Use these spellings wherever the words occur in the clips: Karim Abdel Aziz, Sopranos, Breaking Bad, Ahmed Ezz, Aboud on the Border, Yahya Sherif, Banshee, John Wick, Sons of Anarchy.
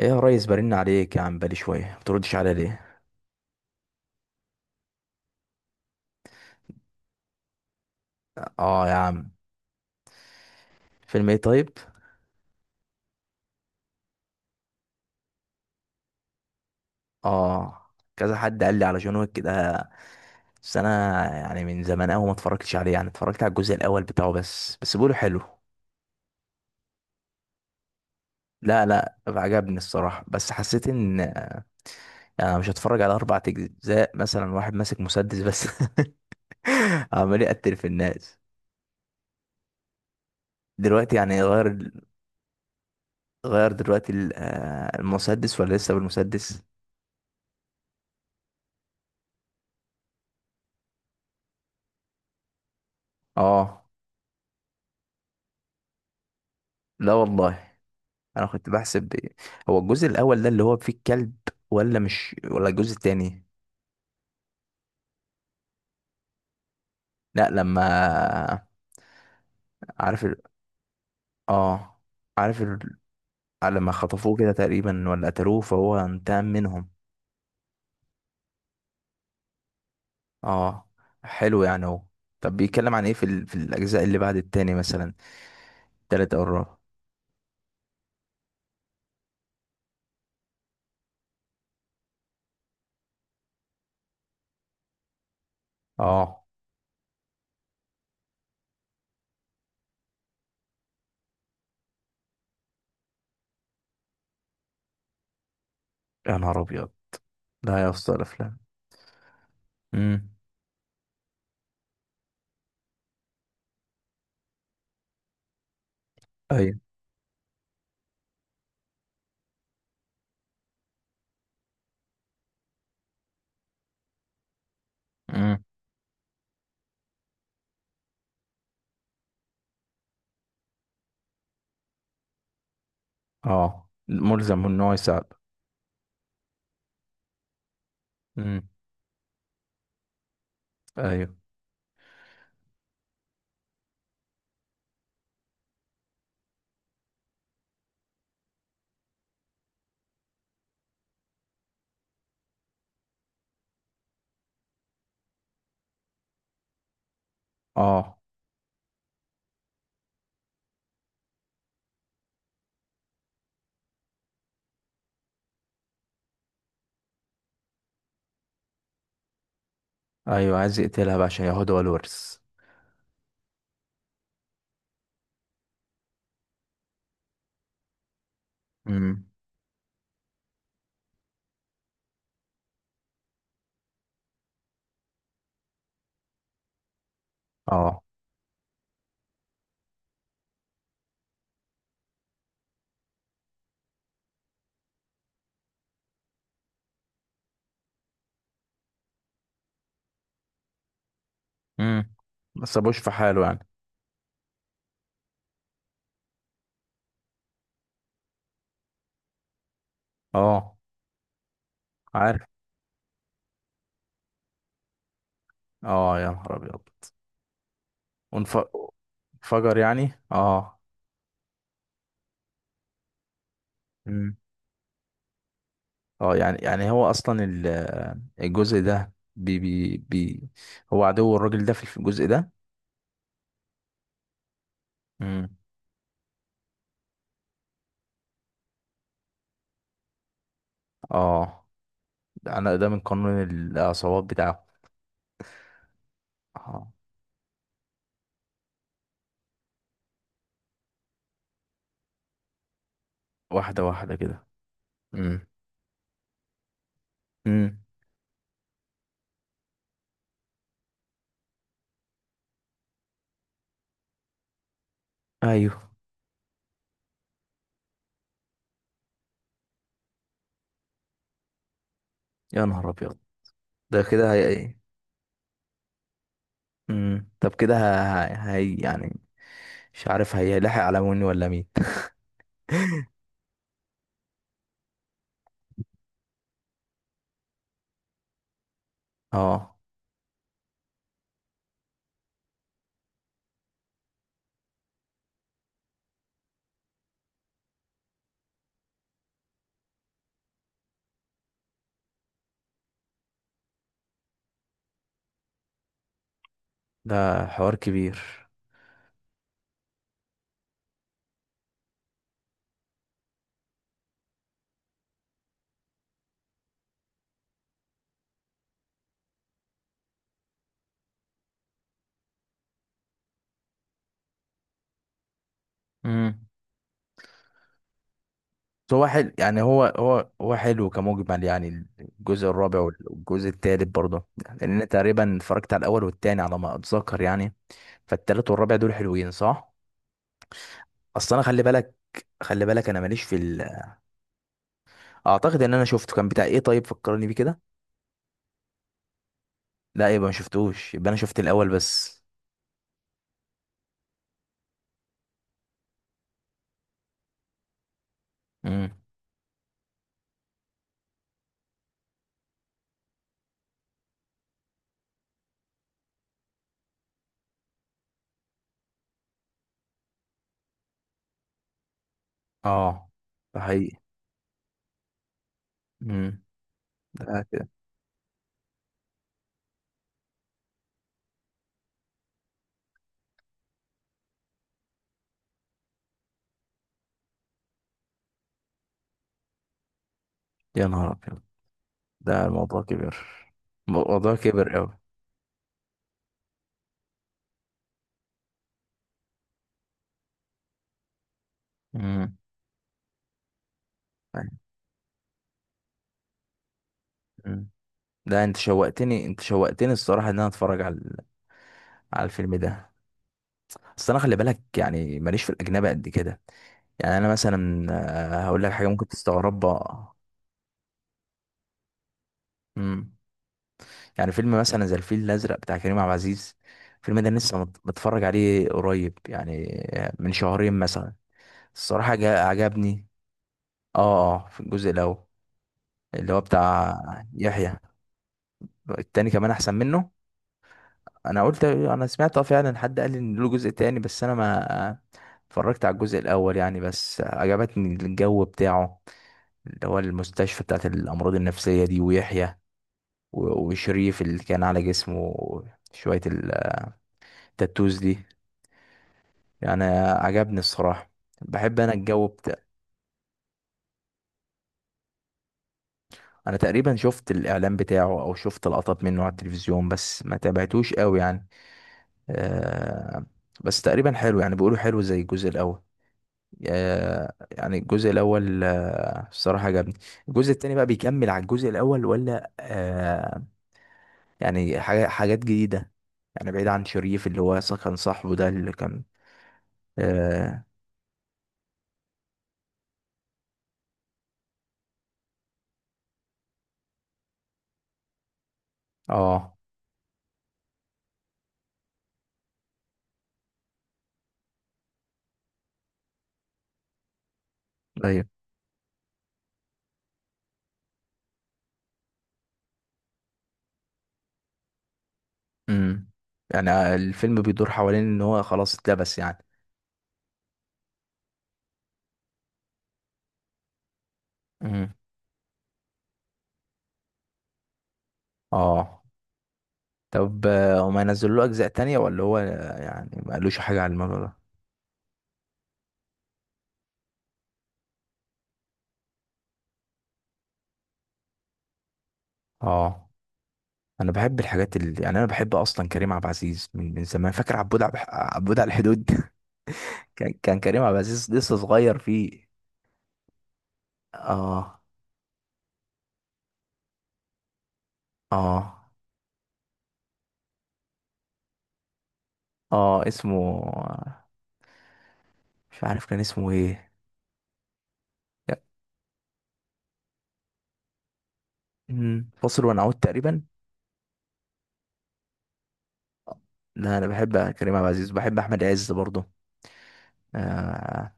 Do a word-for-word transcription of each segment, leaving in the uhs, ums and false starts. ايه يا ريس، برن عليك يا عم بالي شويه، ما بتردش عليا ليه؟ اه يا عم. فيلم ايه طيب؟ اه، كذا حد قال لي على جون ويك كده. بس انا يعني من زمان قوي ما اتفرجتش عليه، يعني اتفرجت على الجزء الاول بتاعه بس، بس بيقولوا حلو. لا، لا، عجبني الصراحه، بس حسيت ان يعني، انا مش هتفرج على اربع اجزاء مثلا واحد ماسك مسدس بس عمال يقتل في الناس. دلوقتي يعني غير، غير دلوقتي ال- آه، المسدس، ولا لسه بالمسدس؟ اه. لا والله، انا كنت بحسب هو الجزء الاول ده اللي هو فيه الكلب، ولا مش ولا الجزء التاني؟ لا لما عارف ال... اه. عارف ال... لما خطفوه كده تقريبا ولا قتلوه، فهو انتقم منهم. اه، حلو يعني هو. طب بيتكلم عن ايه في ال... في الاجزاء اللي بعد التاني مثلا؟ التالت او الرابع؟ اه يا نهار ابيض، لا يا اسطى الافلام. امم. ايوه. امم. اه، ملزم ان هو يساعد. امم. ايوه. اه. ايوه، عايز يقتلها بقى عشان ياخدها هو الورث. امم. اه. امم. ما سابوش في حاله يعني. اه، عارف. اه يا نهار ابيض. وانف- انفجر يعني، اه. امم. اه، يعني يعني هو اصلا ال- الجزء ده بي بي بي هو عدو الراجل ده في الجزء ده. امم. اه، ده انا ده من قانون العصابات بتاعه. اه، واحده واحده كده. امم. امم. ايوه. يا نهار ابيض، ده كده هي. امم، طب كده ه- ه- هي يعني مش عارف هيلاحق على مني ولا مين. اه، ده حوار كبير. امم، بس هو حلو، يعني هو هو هو حلو كمجمل، يعني الجزء الرابع والجزء التالت برضه؟ لان انا تقريبا اتفرجت على الاول والتاني على ما اتذكر يعني، فالتالت والرابع دول حلوين صح؟ اصل انا خلي بالك، خلي بالك انا ماليش في ال... اعتقد ان انا شفته، كان بتاع ايه طيب؟ فكرني بيه كده. لا، يبقى ما شفتوش، يبقى انا شفت الاول بس. امم. اه، ده حقيقي. ده كده يا نهار أبيض، ده الموضوع كبير، الموضوع كبير أوي. مم. مم. ده أنت شوقتني، أنت شوقتني الصراحة إن أنا أتفرج على على الفيلم ده. بس أنا خلي بالك يعني ماليش في الأجنبي قد كده، يعني أنا مثلا آه، هقول لك حاجة ممكن تستغربها. مم. يعني فيلم مثلا زي الفيل الأزرق بتاع كريم عبد العزيز، الفيلم ده لسه مت- متفرج عليه قريب يعني، من شهرين مثلا. الصراحة جا- عجبني. اه، اه، في الجزء الأول، اللي هو بتاع يحيى. التاني كمان احسن منه. انا قلت انا سمعت، اه فعلا حد قال لي ان له جزء تاني، بس انا ما اتفرجت على الجزء الاول يعني، بس عجبتني الجو بتاعه، اللي هو المستشفى بتاعت الامراض النفسية دي، ويحيى و- وشريف اللي كان على جسمه شوية التاتوز دي يعني، عجبني الصراحة. بحب انا الجو بتاع. انا تقريبا شفت الاعلان بتاعه او شفت لقطات منه على التلفزيون، بس ما تابعتوش قوي يعني. أه... بس تقريبا حلو، يعني بيقولوا حلو زي الجزء الاول. آه، يعني الجزء الاول آه، الصراحه عجبني. الجزء التاني بقى بيكمل على الجزء الاول، ولا آه، يعني حاجة- حاجات جديده، يعني بعيد عن شريف اللي هو أصلاً كان صاحبه ده اللي كان؟ اه. آه، ايوه. امم. يعني الفيلم بيدور حوالين ان هو خلاص اتلبس يعني. امم. اه. طب آه، هما ينزلوا له اجزاء تانية، ولا هو آه، يعني ما قالوش حاجه على الموضوع ده؟ اه، انا بحب الحاجات اللي يعني، انا بحب اصلا كريم عبد العزيز من من زمان، فاكر عبود عب... عبود على الحدود؟ كان كان كريم عبد العزيز لسه صغير فيه. اه، اه، اه، اسمه. مش عارف كان اسمه ايه. أمم، فاصل ونعود تقريبا. لا، انا بحب كريم عبد العزيز، بحب احمد عز برضه. آه.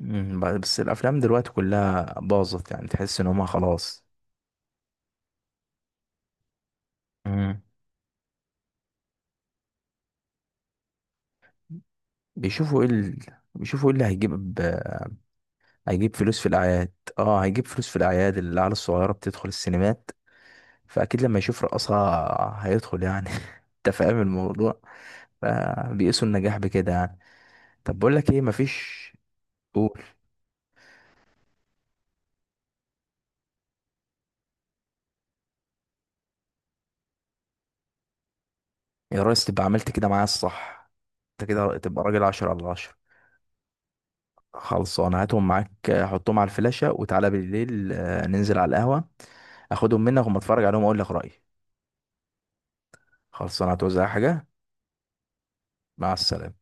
أمم، بس الافلام دلوقتي كلها باظت، يعني تحس ان هما خلاص. أمم. بيشوفوا ايه ال... بيشوفوا ايه اللي هيجيب، هيجيب فلوس في الاعياد. اه، هيجيب فلوس في الاعياد، العيال الصغيره بتدخل السينمات، فاكيد لما يشوف رقصها هيدخل يعني. انت فاهم الموضوع، فبيقيسوا النجاح بكده يعني. طب بقول لك ايه، مفيش. قول. يا ريس، تبقى عملت كده معايا الصح، انت كده تبقى راجل عشرة على عشرة. خلصانه، هاتهم معاك، آه، حطهم على الفلاشه وتعالى بالليل، آه، ننزل على القهوه، اخدهم منك وما اتفرج عليهم واقول لك رايي. خلصانه، هتوزع حاجه؟ مع السلامه.